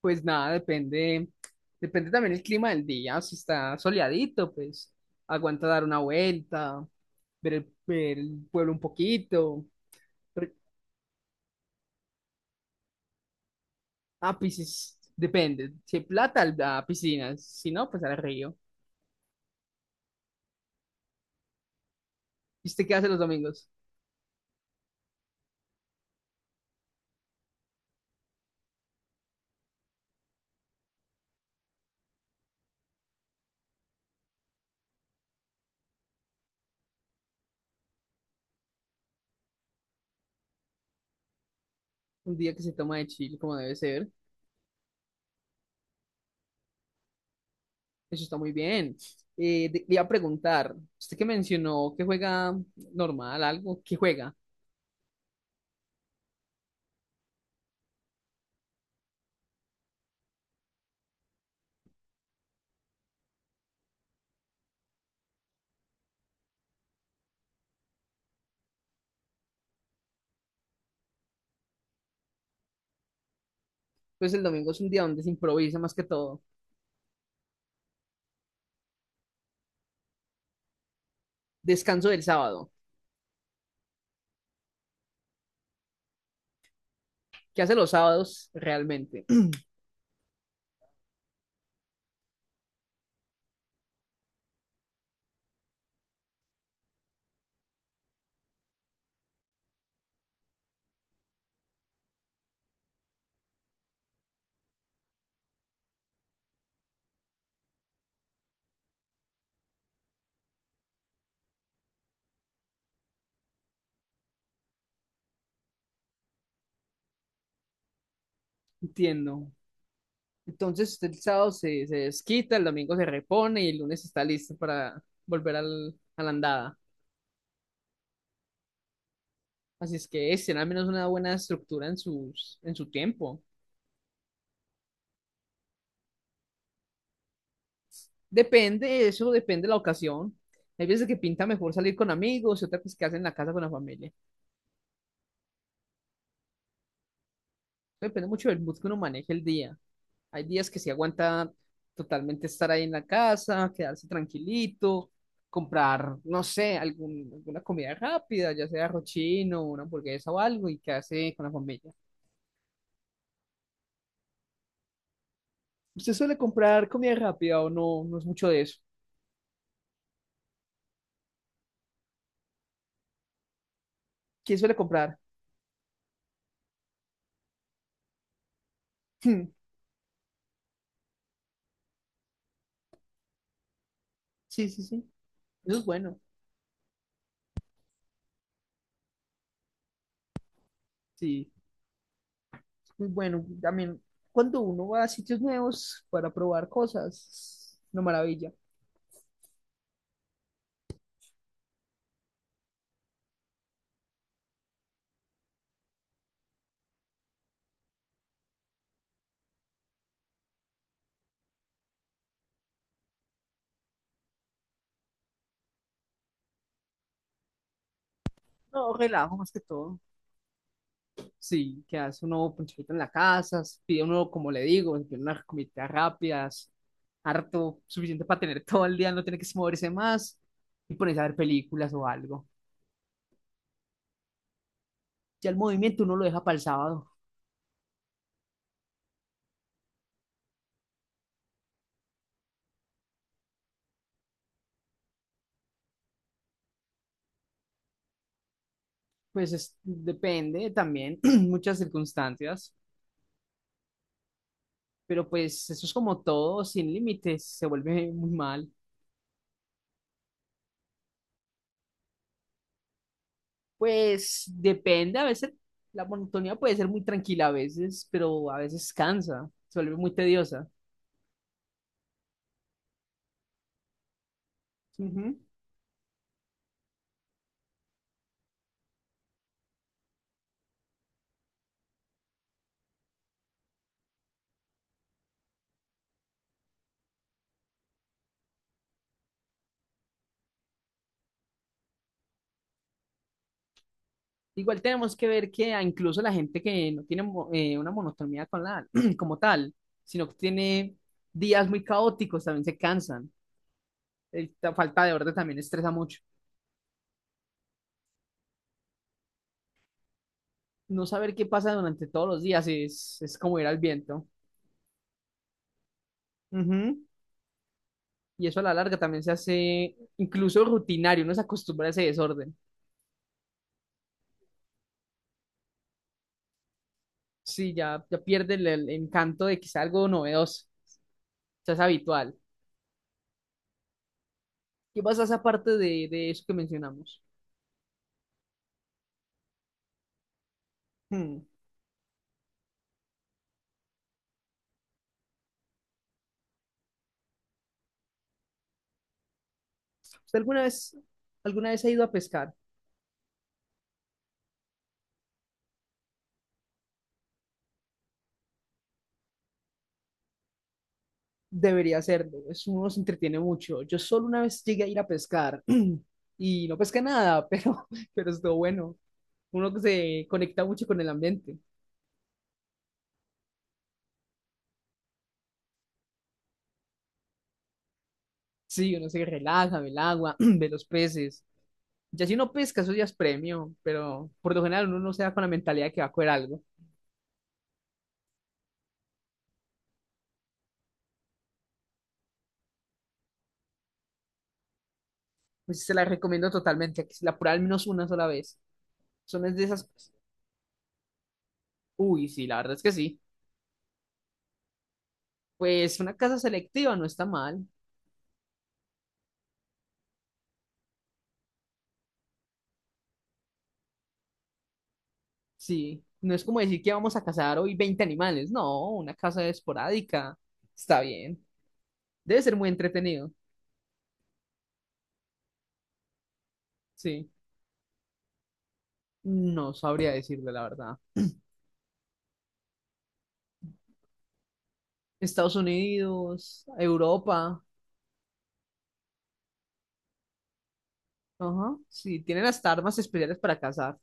Pues nada, depende, depende también el clima del día. Si está soleadito, pues aguanta dar una vuelta, ver el pueblo un poquito. Pero, ah, piscis depende. Si hay plata, a piscinas. Si no, pues al río. ¿Y usted qué hace los domingos? Un día que se toma de chill, como debe ser. Eso está muy bien. Le iba a preguntar, usted que mencionó que juega normal, algo, ¿qué juega? Pues el domingo es un día donde se improvisa más que todo. Descanso del sábado. ¿Qué hace los sábados realmente? Entiendo. Entonces usted el sábado se desquita, el domingo se repone y el lunes está listo para volver a la andada. Así es que es tener al menos una buena estructura en, sus, en su tiempo. Depende, eso depende de la ocasión. Hay veces que pinta mejor salir con amigos y otras que hacer en la casa con la familia. Depende mucho del mood que uno maneje el día. Hay días que se aguanta totalmente estar ahí en la casa, quedarse tranquilito, comprar, no sé, alguna comida rápida, ya sea rochino, una hamburguesa o algo, y quedarse con la familia. ¿Usted suele comprar comida rápida o no? No es mucho de eso. ¿Quién suele comprar? Hmm. Sí, sí, sí. Eso es bueno. Sí, es muy bueno. También cuando uno va a sitios nuevos para probar cosas, una maravilla. No, relajo más que todo. Sí, que hace un nuevo ponchadito en la casa, pide uno, como le digo, pide unas comidas rápidas, harto, suficiente para tener todo el día, no tiene que moverse más y ponerse a ver películas o algo. Ya el movimiento uno lo deja para el sábado, pues depende también, muchas circunstancias, pero pues eso es como todo, sin límites, se vuelve muy mal. Pues depende, a veces la monotonía puede ser muy tranquila a veces, pero a veces cansa, se vuelve muy tediosa. Ujú. Igual tenemos que ver que a incluso la gente que no tiene una monotonía con la, como tal, sino que tiene días muy caóticos, también se cansan. La falta de orden también estresa mucho. No saber qué pasa durante todos los días es como ir al viento. Ujú. Y eso a la larga también se hace incluso rutinario, uno se acostumbra a ese desorden. Sí, ya, ya pierde el encanto de que sea algo novedoso, ya es habitual. ¿Qué pasa esa parte de eso que mencionamos? Hmm. ¿Usted alguna vez ha ido a pescar? Debería hacerlo, es, uno se entretiene mucho. Yo solo una vez llegué a ir a pescar y no pesqué nada, pero, pero estuvo bueno. Uno que se conecta mucho con el ambiente. Sí, uno se relaja, ve el agua, ve los peces. Ya si uno pesca, eso ya es premio, pero por lo general uno no se da con la mentalidad de que va a coger algo. Pues se la recomiendo totalmente, que se la pruebe al menos una sola vez. Son es de esas, pues, uy, sí, la verdad es que sí. Pues una casa selectiva no está mal. Sí, no es como decir que vamos a cazar hoy 20 animales, no, una caza esporádica, está bien, debe ser muy entretenido, sí, no sabría decirle la verdad. Estados Unidos, Europa, ajá, sí, tienen hasta armas especiales para cazar,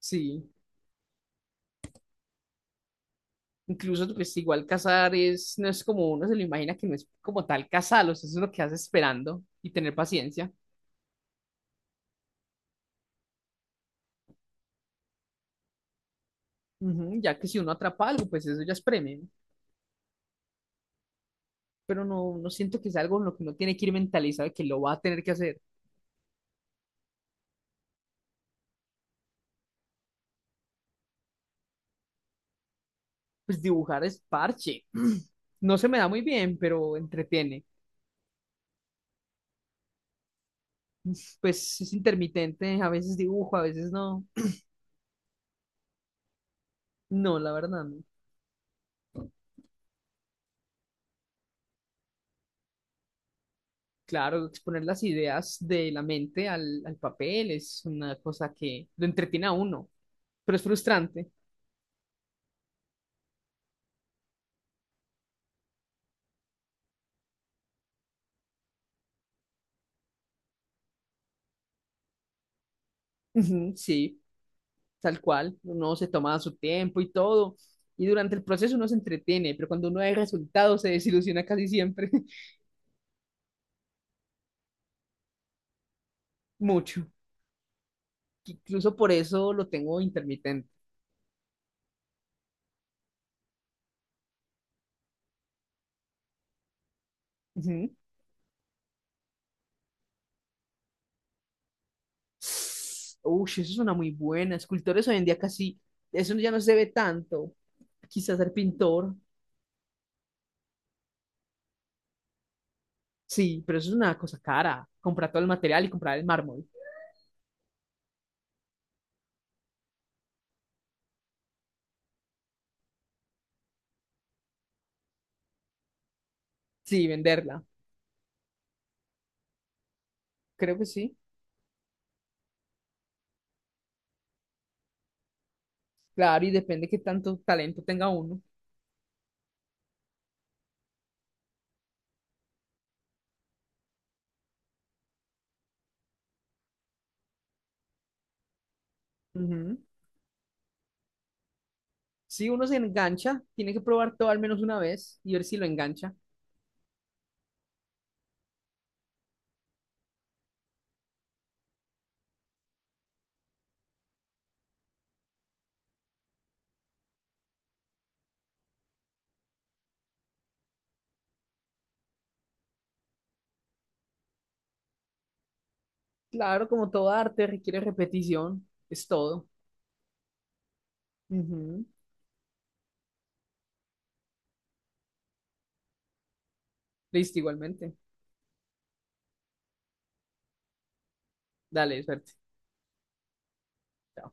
sí, incluso pues igual cazar es, no es como uno se lo imagina que no es como tal cazarlos, eso es lo que hace esperando y tener paciencia, ujú, ya que si uno atrapa algo, pues eso ya es premio, pero no, no siento que es algo en lo que uno tiene que ir mentalizado de que lo va a tener que hacer. Pues dibujar es parche. No se me da muy bien, pero entretiene. Pues es intermitente, a veces dibujo, a veces no. No, la verdad, no. Claro, exponer las ideas de la mente al papel es una cosa que lo entretiene a uno, pero es frustrante. Ujú. Sí, tal cual, uno se toma su tiempo y todo, y durante el proceso uno se entretiene, pero cuando uno ve resultados se desilusiona casi siempre. Mucho. Incluso por eso lo tengo intermitente. Ujú. Uy, eso es una muy buena. Escultores hoy en día casi, eso ya no se ve tanto. Quizás ser pintor, sí, pero eso es una cosa cara. Comprar todo el material y comprar el mármol. Sí, venderla. Creo que sí. Claro, y depende qué tanto talento tenga uno. Ujú. Si uno se engancha, tiene que probar todo al menos una vez y ver si lo engancha. Claro, como todo arte requiere repetición, es todo. Ujú. Listo, igualmente. Dale, suerte. Chao.